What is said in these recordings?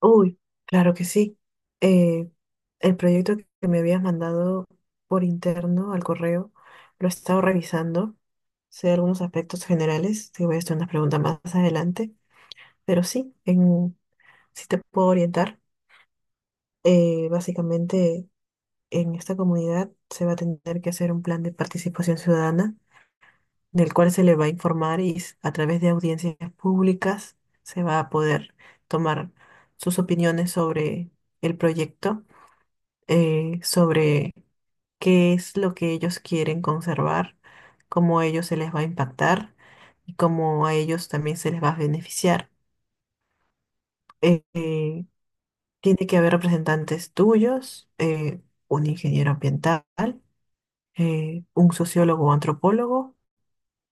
Uy, claro que sí. Eh, el proyecto que me habías mandado por interno al correo lo he estado revisando. Sé algunos aspectos generales, te voy a hacer unas preguntas más adelante, pero sí te puedo orientar. Básicamente, en esta comunidad se va a tener que hacer un plan de participación ciudadana, del cual se le va a informar y a través de audiencias públicas se va a poder tomar sus opiniones sobre el proyecto, sobre qué es lo que ellos quieren conservar, cómo a ellos se les va a impactar y cómo a ellos también se les va a beneficiar. Eh, eh, Tiene que haber representantes tuyos, un ingeniero ambiental, un sociólogo o antropólogo,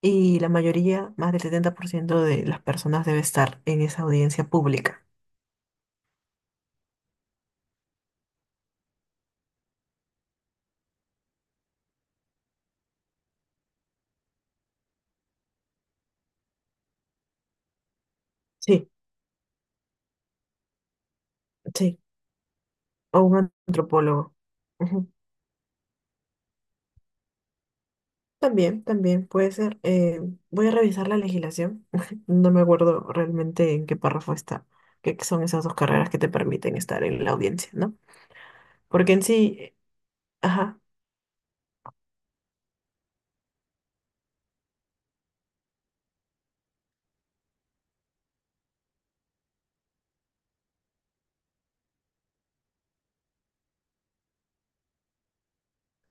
y la mayoría, más del 70% de las personas debe estar en esa audiencia pública. Sí, sí, o un antropólogo. También puede ser. Voy a revisar la legislación. No me acuerdo realmente en qué párrafo está, qué son esas dos carreras que te permiten estar en la audiencia, ¿no? Porque en sí, ajá,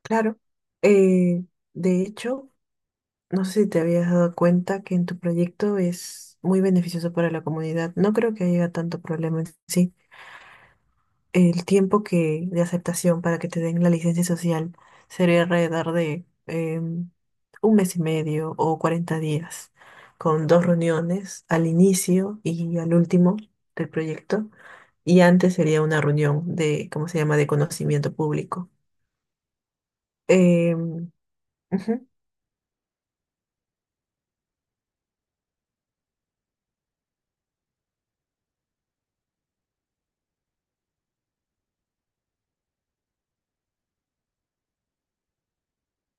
claro. eh, de hecho, no sé si te habías dado cuenta que en tu proyecto es muy beneficioso para la comunidad. No creo que haya tanto problema en sí. El tiempo que de aceptación para que te den la licencia social sería alrededor de un mes y medio o 40 días, con dos reuniones al inicio y al último del proyecto, y antes sería una reunión de, ¿cómo se llama?, de conocimiento público. Em, ujú,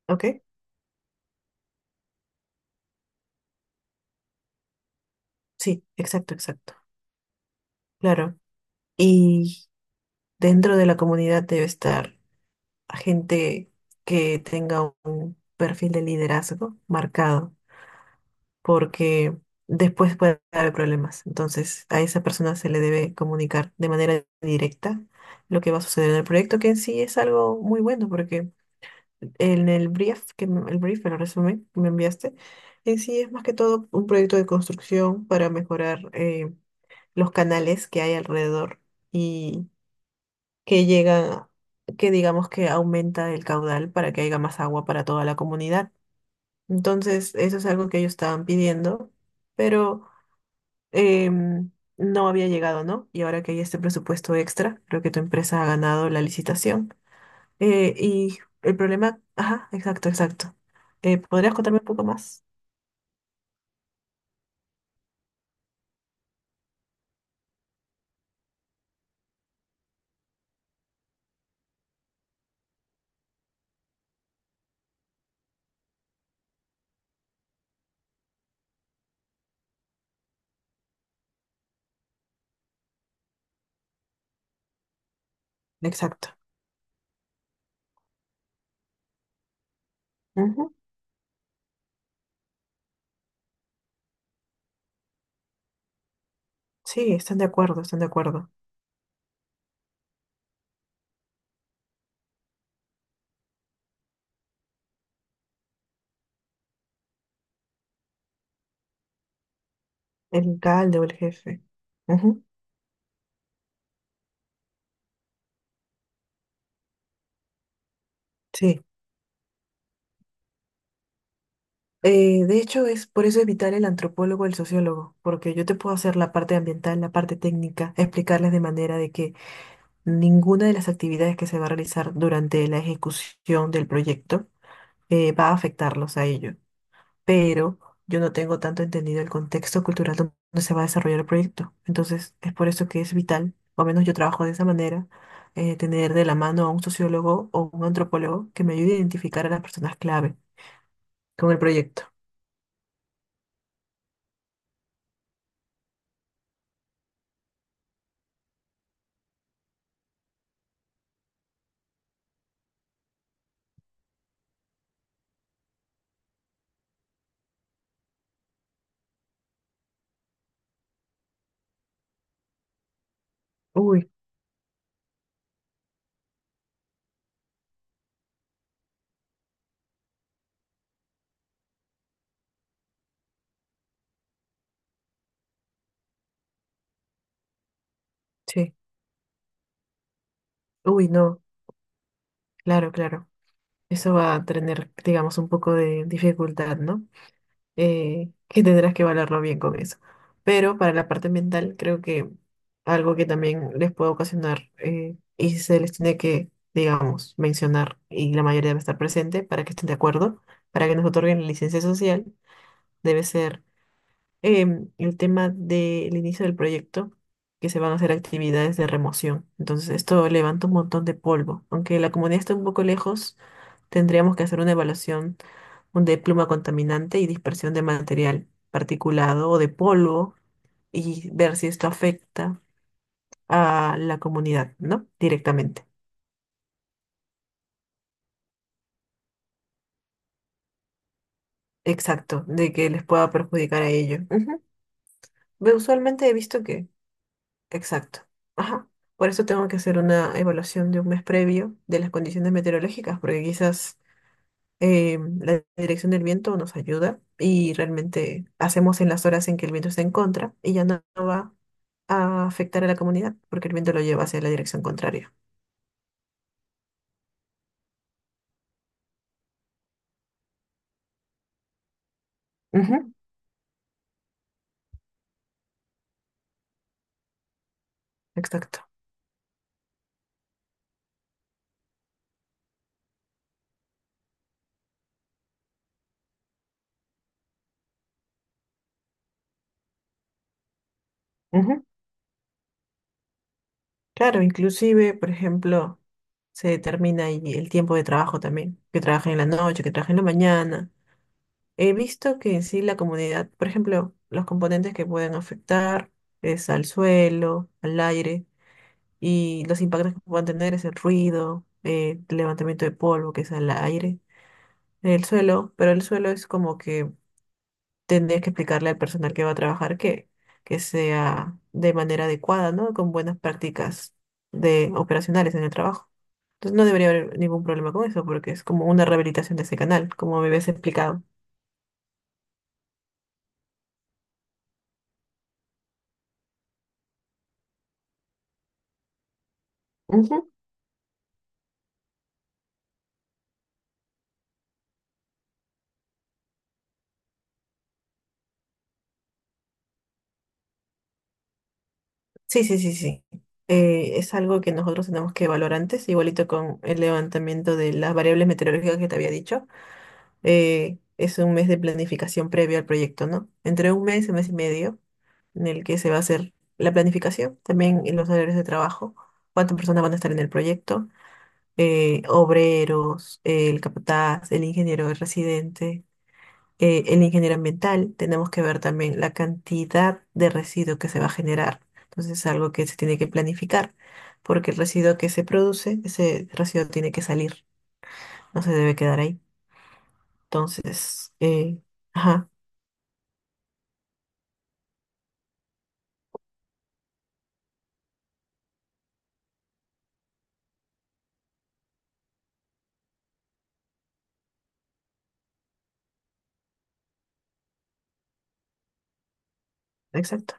¿ok? Sí, exacto, exacto. Claro. Y dentro de la comunidad debe estar gente que tenga un perfil de liderazgo marcado, porque después puede haber problemas. Entonces, a esa persona se le debe comunicar de manera directa lo que va a suceder en el proyecto, que en sí es algo muy bueno, porque en el brief, el resumen que me enviaste, en sí es más que todo un proyecto de construcción para mejorar, los canales que hay alrededor y que llegan, que digamos que aumenta el caudal para que haya más agua para toda la comunidad. Entonces, eso es algo que ellos estaban pidiendo, pero em, no había llegado, ¿no? Y ahora que hay este presupuesto extra, creo que tu empresa ha ganado la licitación. Y el problema, ajá, exacto, exacto. ¿Podrías contarme un poco más? Exacto. Ujú. Sí, están de acuerdo, están de acuerdo. El alcalde o el jefe. Ujú, sí. De hecho, es por eso es vital el antropólogo o el sociólogo, porque yo te puedo hacer la parte ambiental, la parte técnica, explicarles de manera de que ninguna de las actividades que se va a realizar durante la ejecución del proyecto va a afectarlos a ellos, pero yo no tengo tanto entendido el contexto cultural donde se va a desarrollar el proyecto. Entonces, es por eso que es vital, o al menos yo trabajo de esa manera, tener de la mano a un sociólogo o un antropólogo que me ayude a identificar a las personas clave con el proyecto. Uy, sí. Uy, no. Claro, claro. Eso va a tener, digamos, un poco de dificultad, ¿no? Que tendrás que valorarlo bien con eso. Pero para la parte ambiental, creo que algo que también les puede ocasionar, y se les tiene que, digamos, mencionar y la mayoría debe estar presente para que estén de acuerdo, para que nos otorguen la licencia social, debe ser el tema del inicio del proyecto, que se van a hacer actividades de remoción. Entonces, esto levanta un montón de polvo. Aunque la comunidad esté un poco lejos, tendríamos que hacer una evaluación un de pluma contaminante y dispersión de material particulado o de polvo y ver si esto afecta a la comunidad, ¿no? Directamente. Exacto, de que les pueda perjudicar a ello. Ujú. Ve, usualmente he visto que exacto. Ajá. Por eso tengo que hacer una evaluación de un mes previo de las condiciones meteorológicas, porque quizás la dirección del viento nos ayuda y realmente hacemos en las horas en que el viento está en contra y ya no, no va a afectar a la comunidad, porque el viento lo lleva hacia la dirección contraria. Ujú, exacto. Ujú. Claro, inclusive, por ejemplo, se determina ahí el tiempo de trabajo también, que trabajen en la noche, que trabajen en la mañana. He visto que en sí la comunidad, por ejemplo, los componentes que pueden afectar es al suelo, al aire, y los impactos que puedan tener es el ruido, el levantamiento de polvo, que es al aire, el suelo, pero el suelo es como que tendrías que explicarle al personal que va a trabajar que sea de manera adecuada, ¿no? Con buenas prácticas de operacionales en el trabajo. Entonces no debería haber ningún problema con eso, porque es como una rehabilitación de ese canal, como me habías explicado. Sí, sí, sí, sí. Es algo que nosotros tenemos que evaluar antes, igualito con el levantamiento de las variables meteorológicas que te había dicho. Es un mes de planificación previo al proyecto, ¿no? Entre un mes y medio en el que se va a hacer la planificación, también en los horarios de trabajo, cuántas personas van a estar en el proyecto, obreros, el capataz, el ingeniero, el residente, el ingeniero ambiental, tenemos que ver también la cantidad de residuo que se va a generar. Entonces es algo que se tiene que planificar, porque el residuo que se produce, ese residuo tiene que salir, no se debe quedar ahí. Entonces, eh, ajá, exacto.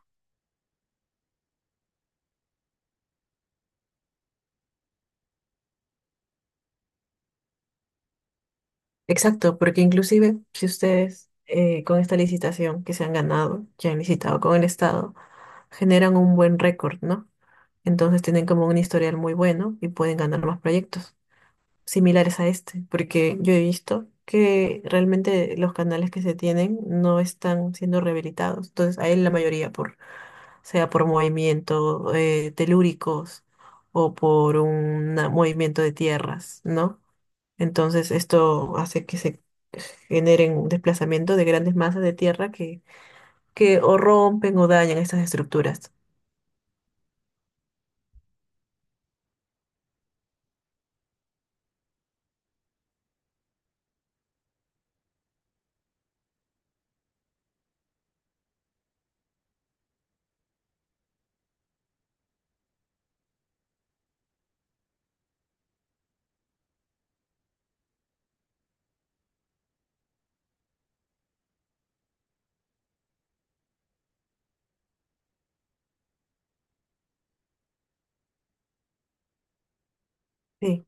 Exacto, porque inclusive si ustedes, con esta licitación que se han ganado, ya han licitado con el Estado, generan un buen récord, ¿no? Entonces tienen como un historial muy bueno y pueden ganar más proyectos similares a este, porque yo he visto que realmente los canales que se tienen no están siendo rehabilitados. Entonces, hay la mayoría por, sea por movimiento telúricos o por un movimiento de tierras, ¿no? Entonces, esto hace que se generen un desplazamiento de grandes masas de tierra que o rompen o dañan estas estructuras. Sí.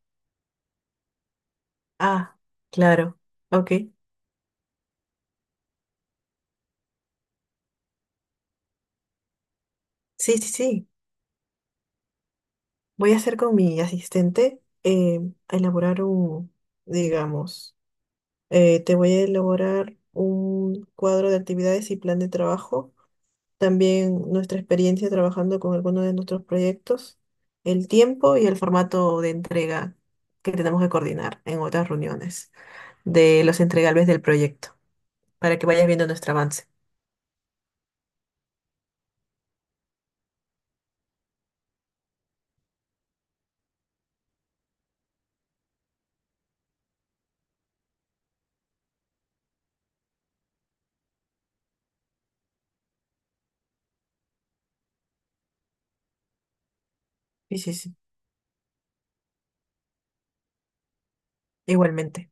Ah, claro. Ok. Sí, sí, sí. Voy a hacer con mi asistente, a elaborar un, digamos, te voy a elaborar un cuadro de actividades y plan de trabajo. También nuestra experiencia trabajando con algunos de nuestros proyectos, el tiempo y el formato de entrega que tenemos que coordinar en otras reuniones de los entregables del proyecto, para que vayas viendo nuestro avance. Sí, sí, sí, igualmente.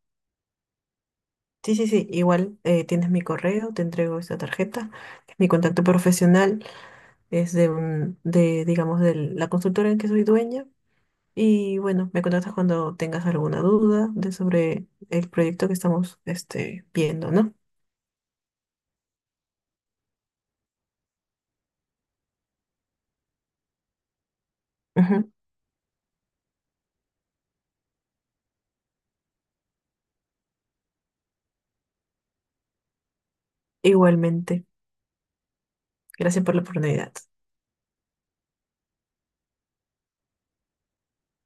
Sí, sí, sí, igual, tienes mi correo, te entrego esta tarjeta, que es mi contacto profesional, es de, un, de digamos, de la consultora en que soy dueña. Y bueno, me contactas cuando tengas alguna duda de sobre el proyecto que estamos este, viendo, ¿no? Ujú. Igualmente, gracias por la oportunidad.